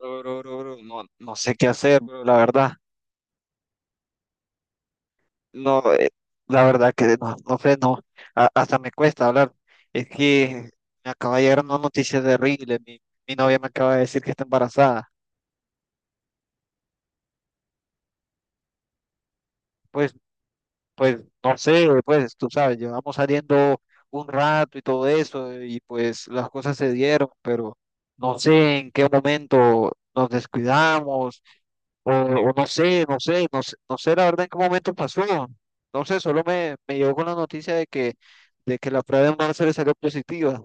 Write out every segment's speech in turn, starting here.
Bro, bro, bro, bro, no, no sé qué hacer, bro, la verdad. No, la verdad que no, no sé, no. a- hasta me cuesta hablar. Es que me acaba de llegar una noticia terrible. Mi novia me acaba de decir que está embarazada. Pues, pues, no sé, pues, tú sabes, llevamos saliendo un rato y todo eso, y pues las cosas se dieron, pero no sé en qué momento nos descuidamos. O no sé, no sé la verdad en qué momento pasó. No sé, solo me llegó con la noticia de que la prueba de embarazo le salió positiva,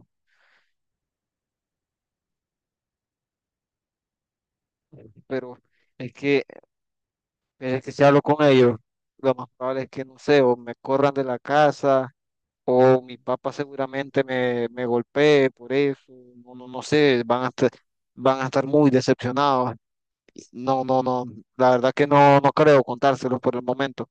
pero es que, es que si hablo con ellos, lo más probable es que, no sé, o me corran de la casa, o mi papá seguramente me golpee por eso, no, no, no sé, van a estar muy decepcionados. No, no, no, la verdad que no, no creo contárselos por el momento.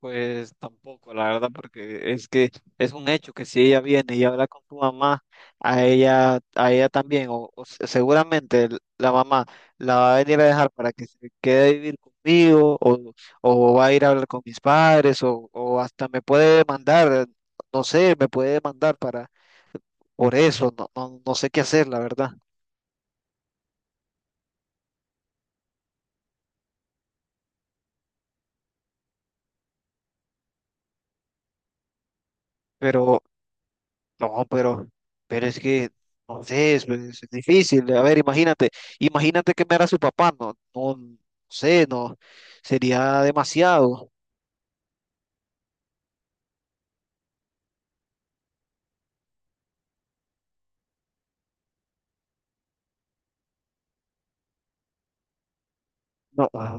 Pues tampoco, la verdad, porque es que es un hecho que si ella viene y habla con tu mamá, a ella también, seguramente la mamá la va a venir a dejar para que se quede a vivir conmigo, o va a ir a hablar con mis padres, o hasta me puede demandar, no sé, me puede demandar para por eso, no, no, no sé qué hacer, la verdad. Pero No, pero, pero es que, no sé, es difícil. A ver, imagínate que me era su papá, no, no, no sé, no, sería demasiado. No, ah,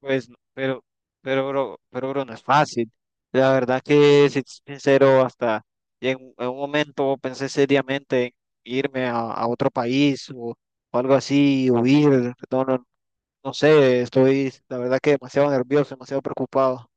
pues, no, pero, bro, no es fácil. La verdad que, si te soy sincero, hasta en un momento pensé seriamente en irme a otro país o algo así, huir, no, no, no sé, estoy, la verdad que demasiado nervioso, demasiado preocupado.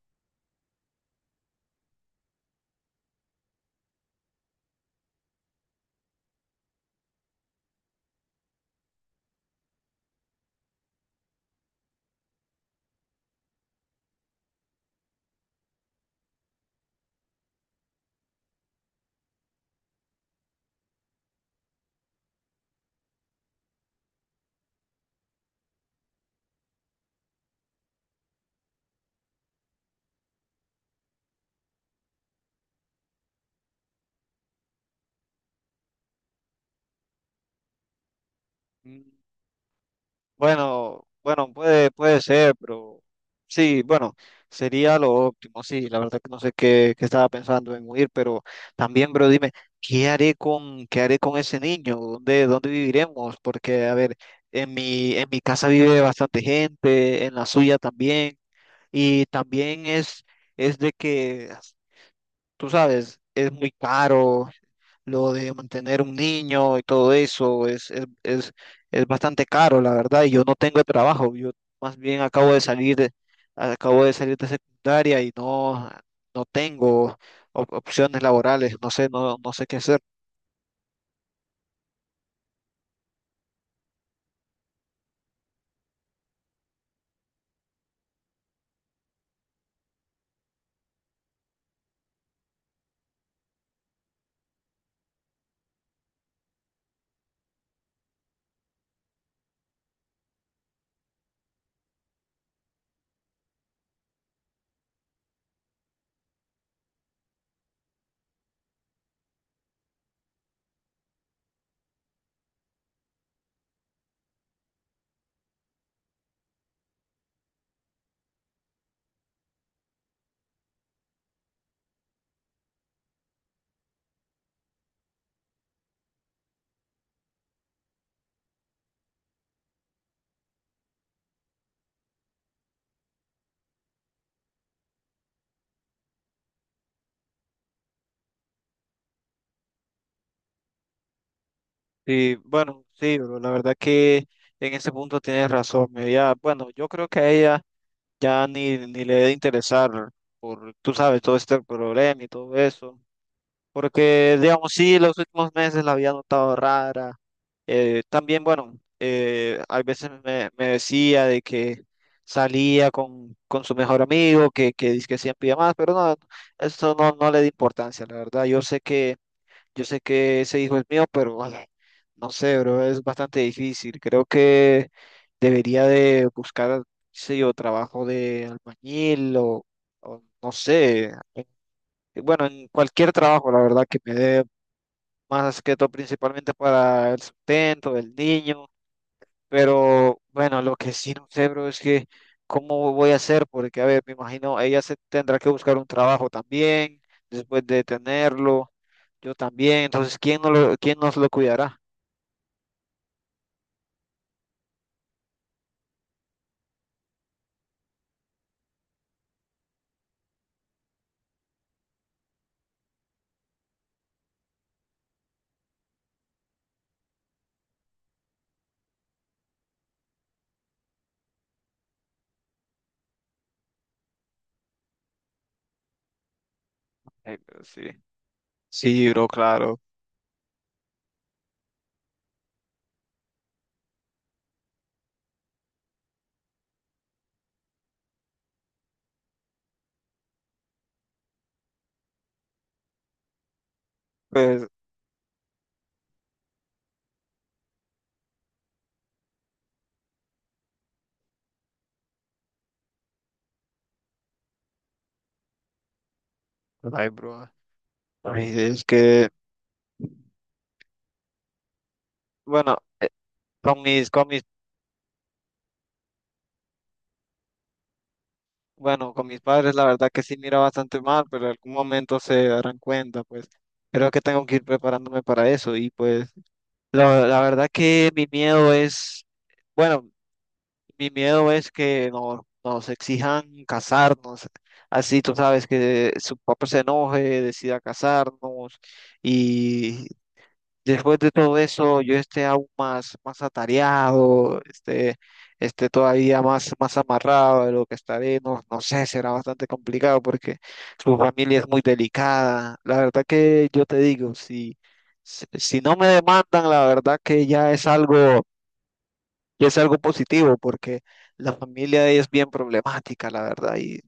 Bueno, bueno, puede ser, pero sí, bueno, sería lo óptimo, sí, la verdad que no sé qué estaba pensando en huir, pero también, bro, dime, ¿qué haré con ese niño? ¿Dónde viviremos? Porque, a ver, en mi casa vive bastante gente, en la suya también, y también es de que, tú sabes, es muy caro, lo de mantener un niño y todo eso es bastante caro, la verdad, y yo no tengo trabajo, yo más bien acabo de salir de secundaria y no, no tengo opciones laborales, no sé, no, no sé qué hacer. Y bueno, sí, bro, la verdad que en ese punto tienes razón, bueno, yo creo que a ella ya ni le debe interesar por, tú sabes, todo este problema y todo eso. Porque, digamos, sí, los últimos meses la había notado rara. También, bueno, a veces me decía de que salía con su mejor amigo, que dizque siempre iba más, pero no, eso no, no le di importancia, la verdad. Yo sé que ese hijo es mío, pero ay, no sé, bro, es bastante difícil. Creo que debería de buscar, qué sé yo, trabajo de albañil o no sé. Eh, bueno, en cualquier trabajo, la verdad, que me dé más que todo principalmente para el sustento del niño, pero bueno, lo que sí no sé, bro, es que cómo voy a hacer, porque a ver, me imagino, ella se tendrá que buscar un trabajo también, después de tenerlo, yo también, entonces, ¿quién, no lo, quién nos lo cuidará? Ay, pero sí. Sí, bro, claro, pues, ay, bro, ay, es que, bueno, con mis, con mis Bueno, con mis padres la verdad que sí mira bastante mal, pero en algún momento se darán cuenta, pues creo que tengo que ir preparándome para eso y pues la verdad que mi miedo es, bueno, mi miedo es que nos exijan casarnos, así tú sabes que su papá se enoje, decida casarnos. Después de todo eso, yo esté aún más, más atareado, esté todavía más, más amarrado de lo que estaré, no, no sé, será bastante complicado porque su familia es muy delicada. La verdad que yo te digo, si, si no me demandan, la verdad que ya es algo positivo porque la familia de ella es bien problemática, la verdad,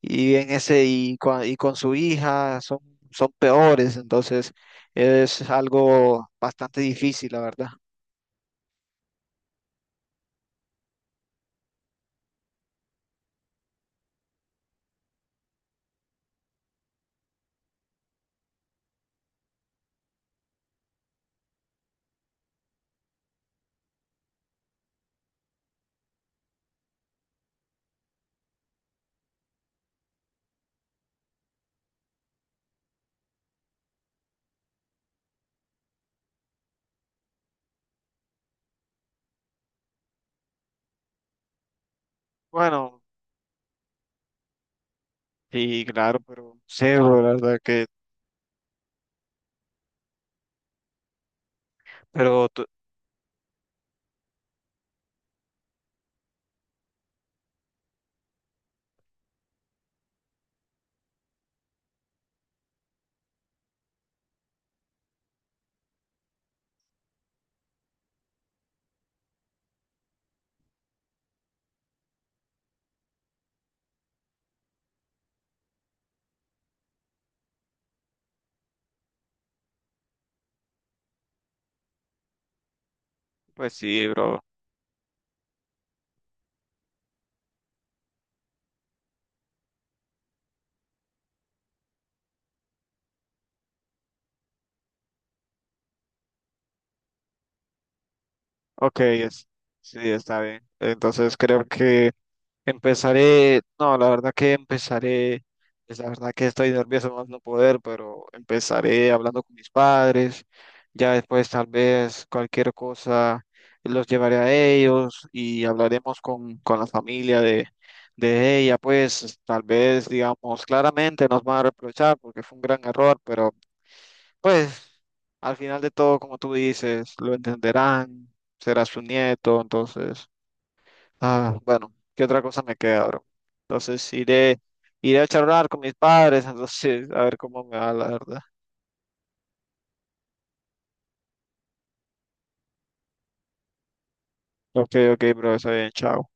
y en ese y con su hija son, son peores, entonces es algo bastante difícil, la verdad. Bueno, sí, claro, pero sí, bro, la verdad que, pero tú- pues sí, bro. Ok, es, sí, está bien. Entonces creo que empezaré, no, la verdad que empezaré, es la verdad que estoy nervioso más no poder, pero empezaré hablando con mis padres, ya después tal vez cualquier cosa los llevaré a ellos y hablaremos con la familia de ella, pues tal vez digamos claramente nos van a reprochar porque fue un gran error, pero pues al final de todo, como tú dices, lo entenderán, será su nieto, entonces... Ah, bueno, ¿qué otra cosa me queda, bro? Entonces iré, iré a charlar con mis padres, entonces a ver cómo me va, la verdad. Ok, ok, bro, está bien, chao.